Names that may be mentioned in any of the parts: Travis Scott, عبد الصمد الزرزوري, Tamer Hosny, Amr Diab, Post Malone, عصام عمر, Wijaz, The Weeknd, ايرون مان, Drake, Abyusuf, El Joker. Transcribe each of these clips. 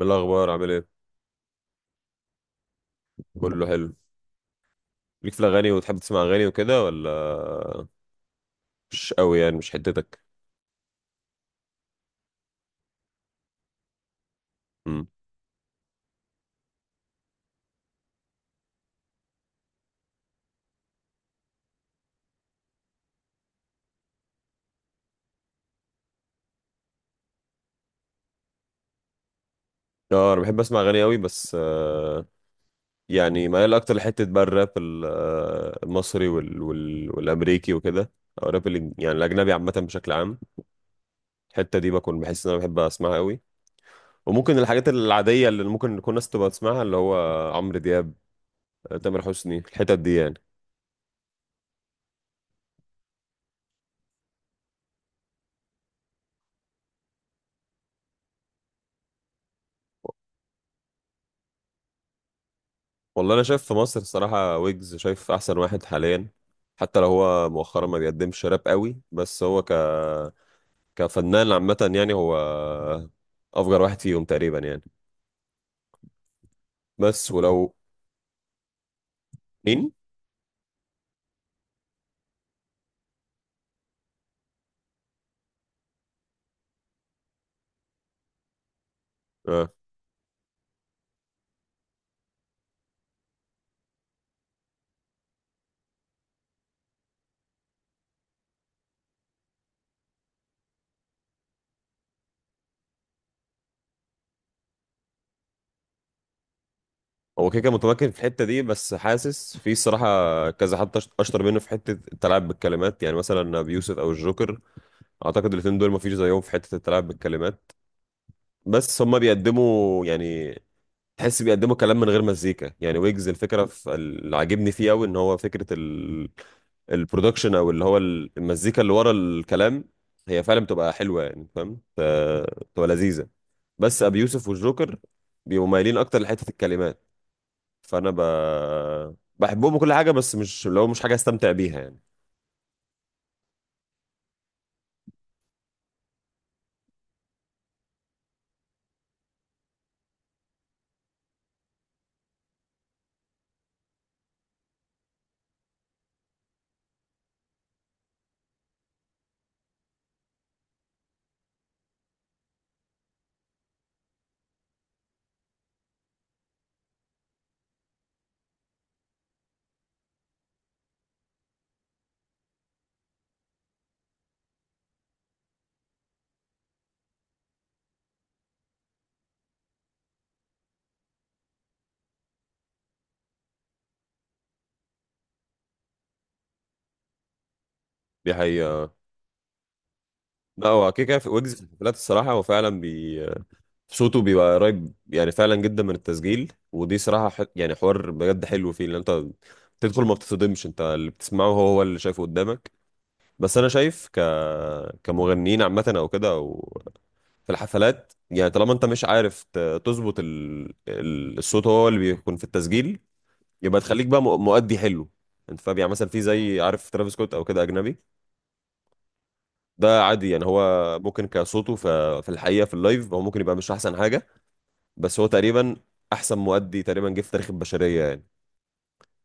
بالأخبار عامل ايه؟ كله حلو. ليك في الأغاني وتحب تسمع أغاني وكده ولا؟ مش قوي يعني مش حتتك. امم. اه، أنا بحب أسمع أغاني قوي بس يعني ميال أكتر لحتة بقى الراب المصري وال والأمريكي وكده. أو الراب يعني الأجنبي عامة بشكل عام. الحتة دي بكون بحس إن أنا بحب أسمعها قوي. وممكن الحاجات العادية اللي ممكن تكون ناس تبقى تسمعها اللي هو عمرو دياب، تامر حسني الحتت دي يعني. والله انا شايف في مصر الصراحه، ويجز شايف احسن واحد حاليا. حتى لو هو مؤخرا ما بيقدمش راب قوي، بس هو كفنان عامه يعني هو افجر واحد فيهم تقريبا يعني. بس ولو. مين؟ آه. هو كده كده متمكن في الحته دي، بس حاسس في الصراحه كذا حد اشطر منه في حته التلاعب بالكلمات، يعني مثلا ابي يوسف او الجوكر. اعتقد الاثنين دول ما فيش زيهم في حته التلاعب بالكلمات. بس هما بيقدموا يعني، تحس بيقدموا كلام من غير مزيكا يعني. ويجز الفكره في اللي عاجبني فيه قوي ان هو البرودكشن او اللي هو المزيكا اللي ورا الكلام، هي فعلا بتبقى حلوه يعني، فاهم. بتبقى لذيذه. بس ابي يوسف والجوكر بيبقوا مايلين اكتر لحته الكلمات. فانا ب... بحبهم وكل حاجه، بس مش لو مش حاجه استمتع بيها يعني. دي حقيقه. لا هو كده كده في ويجز في الحفلات الصراحه، هو فعلا صوته بيبقى قريب يعني فعلا جدا من التسجيل. ودي صراحة يعني حوار بجد حلو فيه، لان انت تدخل ما بتصدمش، انت اللي بتسمعه هو هو اللي شايفه قدامك. بس انا شايف كمغنيين عامة او كده، او في الحفلات يعني، طالما انت مش عارف تظبط الصوت هو اللي بيكون في التسجيل، يبقى تخليك بقى مؤدي حلو. انت فاهم، يعني مثلا في زي، عارف ترافيس سكوت او كده اجنبي، ده عادي يعني هو ممكن كصوته في الحقيقة في اللايف هو ممكن يبقى مش احسن حاجة. بس هو تقريبا احسن مؤدي تقريبا جه في تاريخ البشريه يعني.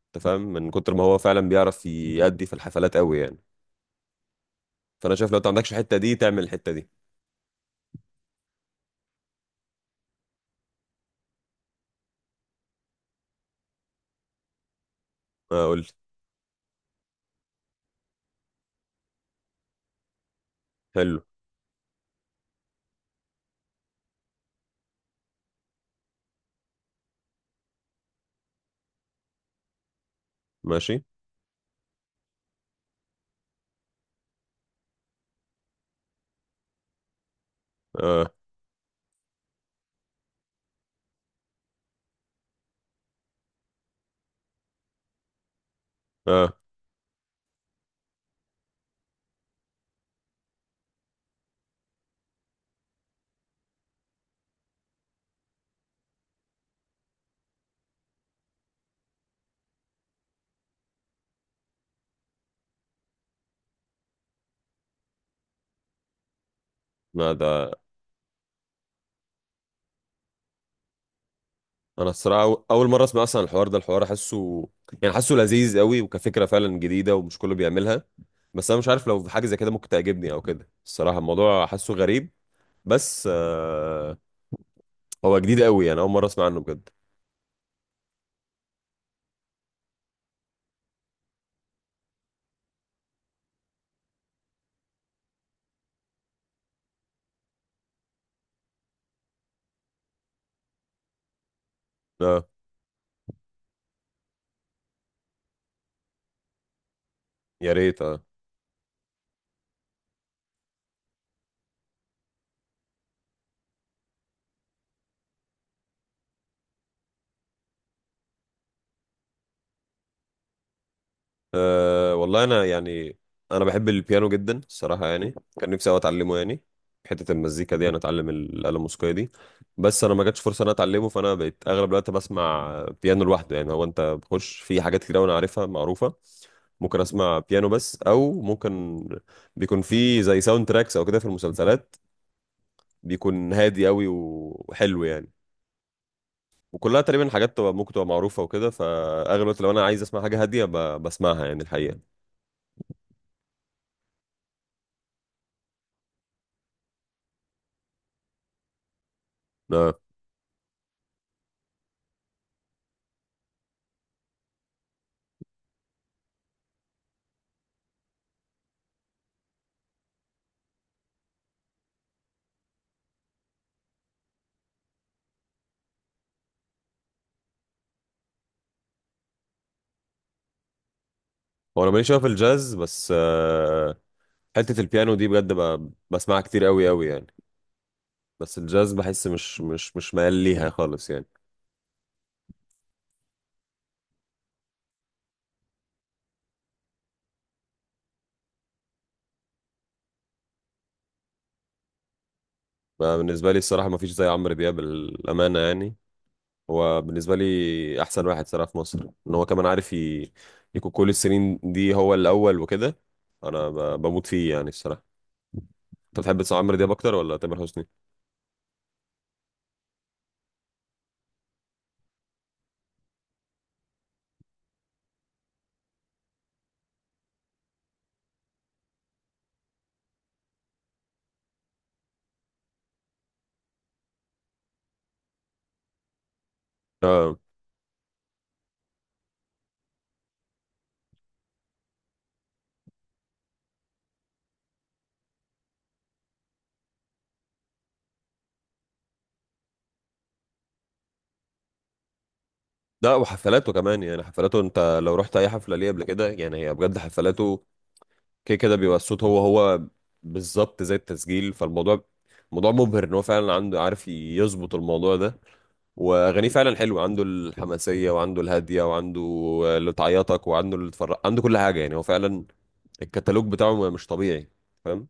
انت فاهم، من كتر ما هو فعلا بيعرف يأدي في الحفلات قوي يعني. فانا شايف لو انت ما عندكش الحته دي، تعمل الحته دي. آه، قول لي. حلو. ماشي. اه. اه. ما ده. انا الصراحه اول مره اسمع اصلا الحوار ده، الحوار حاسه يعني حاسه لذيذ قوي، وكفكره فعلا جديده ومش كله بيعملها. بس انا مش عارف لو في حاجه زي كده ممكن تعجبني او كده، الصراحه الموضوع حاسه غريب. بس هو جديد قوي يعني، اول مره اسمع عنه بجد. اه. يا ريت، اه. أه، والله انا يعني انا بحب البيانو جدا الصراحه يعني. كان نفسي أوي اتعلمه يعني، حته المزيكا دي انا اتعلم الاله الموسيقيه دي. بس انا ما جاتش فرصه ان انا اتعلمه، فانا بقيت اغلب الوقت بسمع بيانو لوحده يعني. هو انت بخش في حاجات كتير أوي انا عارفها معروفه. ممكن اسمع بيانو بس، او ممكن بيكون في زي ساوند تراكس او كده في المسلسلات، بيكون هادي قوي وحلو يعني. وكلها تقريبا حاجات تبقى ممكن تبقى معروفه وكده، فاغلب الوقت لو انا عايز اسمع حاجه هاديه بسمعها يعني الحقيقه. هو انا ماليش قوي في الجاز، بس حتة البيانو دي بجد بسمعها كتير قوي قوي يعني. بس الجاز بحس مش ميال ليها خالص يعني. ما بالنسبة لي الصراحة ما فيش زي عمرو دياب الأمانة يعني. هو بالنسبة لي أحسن واحد صراحة في مصر، إن هو كمان عارف يكون كل السنين دي هو الأول وكده. أنا بموت فيه يعني الصراحة. أنت بتحب تسمع عمرو دياب أكتر ولا تامر حسني؟ آه. لا، وحفلاته كمان يعني، حفلاته أنت لو رحت أي حفلة ليه قبل كده يعني، هي بجد حفلاته كده كده بيبقى الصوت هو هو بالظبط زي التسجيل. فالموضوع موضوع مبهر ان هو فعلا عنده، عارف يظبط الموضوع ده. واغانيه فعلا حلوه، عنده الحماسيه وعنده الهاديه وعنده اللي تعيطك وعنده اللي تفرق، عنده كل حاجه يعني. هو فعلا الكتالوج بتاعه مش طبيعي. فاهم.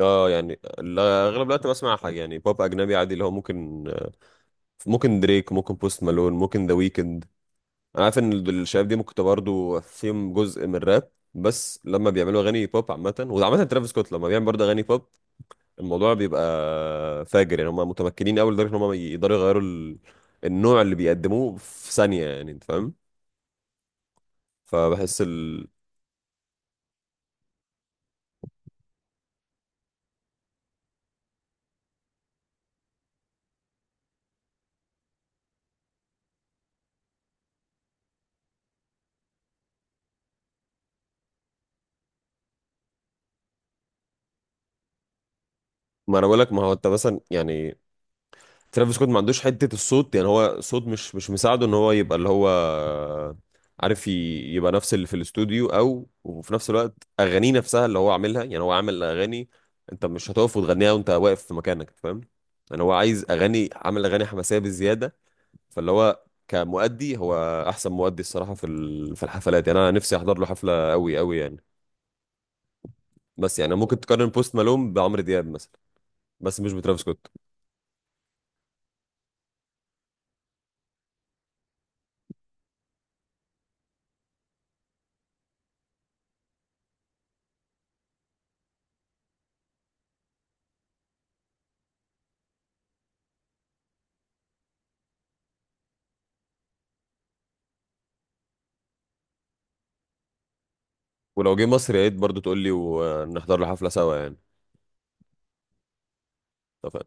اه، يعني اغلب الوقت بسمع حاجه يعني بوب اجنبي عادي اللي هو ممكن دريك، ممكن بوست مالون، ممكن ذا ويكند. انا عارف ان الشباب دي ممكن تبقى برضه فيهم جزء من الراب، بس لما بيعملوا اغاني بوب عامه، وعامه ترافيس سكوت لما بيعمل برضه اغاني بوب، الموضوع بيبقى فاجر يعني. هم متمكنين قوي لدرجه ان هم يقدروا يغيروا النوع اللي بيقدموه في ثانيه يعني، انت فاهم. فبحس ال... ما انا بقول لك، ما هو انت مثلا يعني ترافيس سكوت ما عندوش حتة الصوت يعني، هو صوت مش مساعده ان هو يبقى اللي هو عارف يبقى نفس اللي في الاستوديو، او وفي نفس الوقت اغانيه نفسها اللي هو عاملها يعني. هو عامل اغاني انت مش هتقف وتغنيها وانت واقف في مكانك، فاهم يعني. هو عايز اغاني، عامل اغاني حماسية بزيادة. فاللي هو كمؤدي، هو احسن مؤدي الصراحة في في الحفلات يعني، انا نفسي احضر له حفلة قوي قوي يعني. بس يعني ممكن تقارن بوست مالوم بعمرو دياب مثلا، بس مش بترافيس سكوت. ولو جه مصر يا ريت برضه تقول لي ونحضر له حفلة سوا يعني. اتفقنا.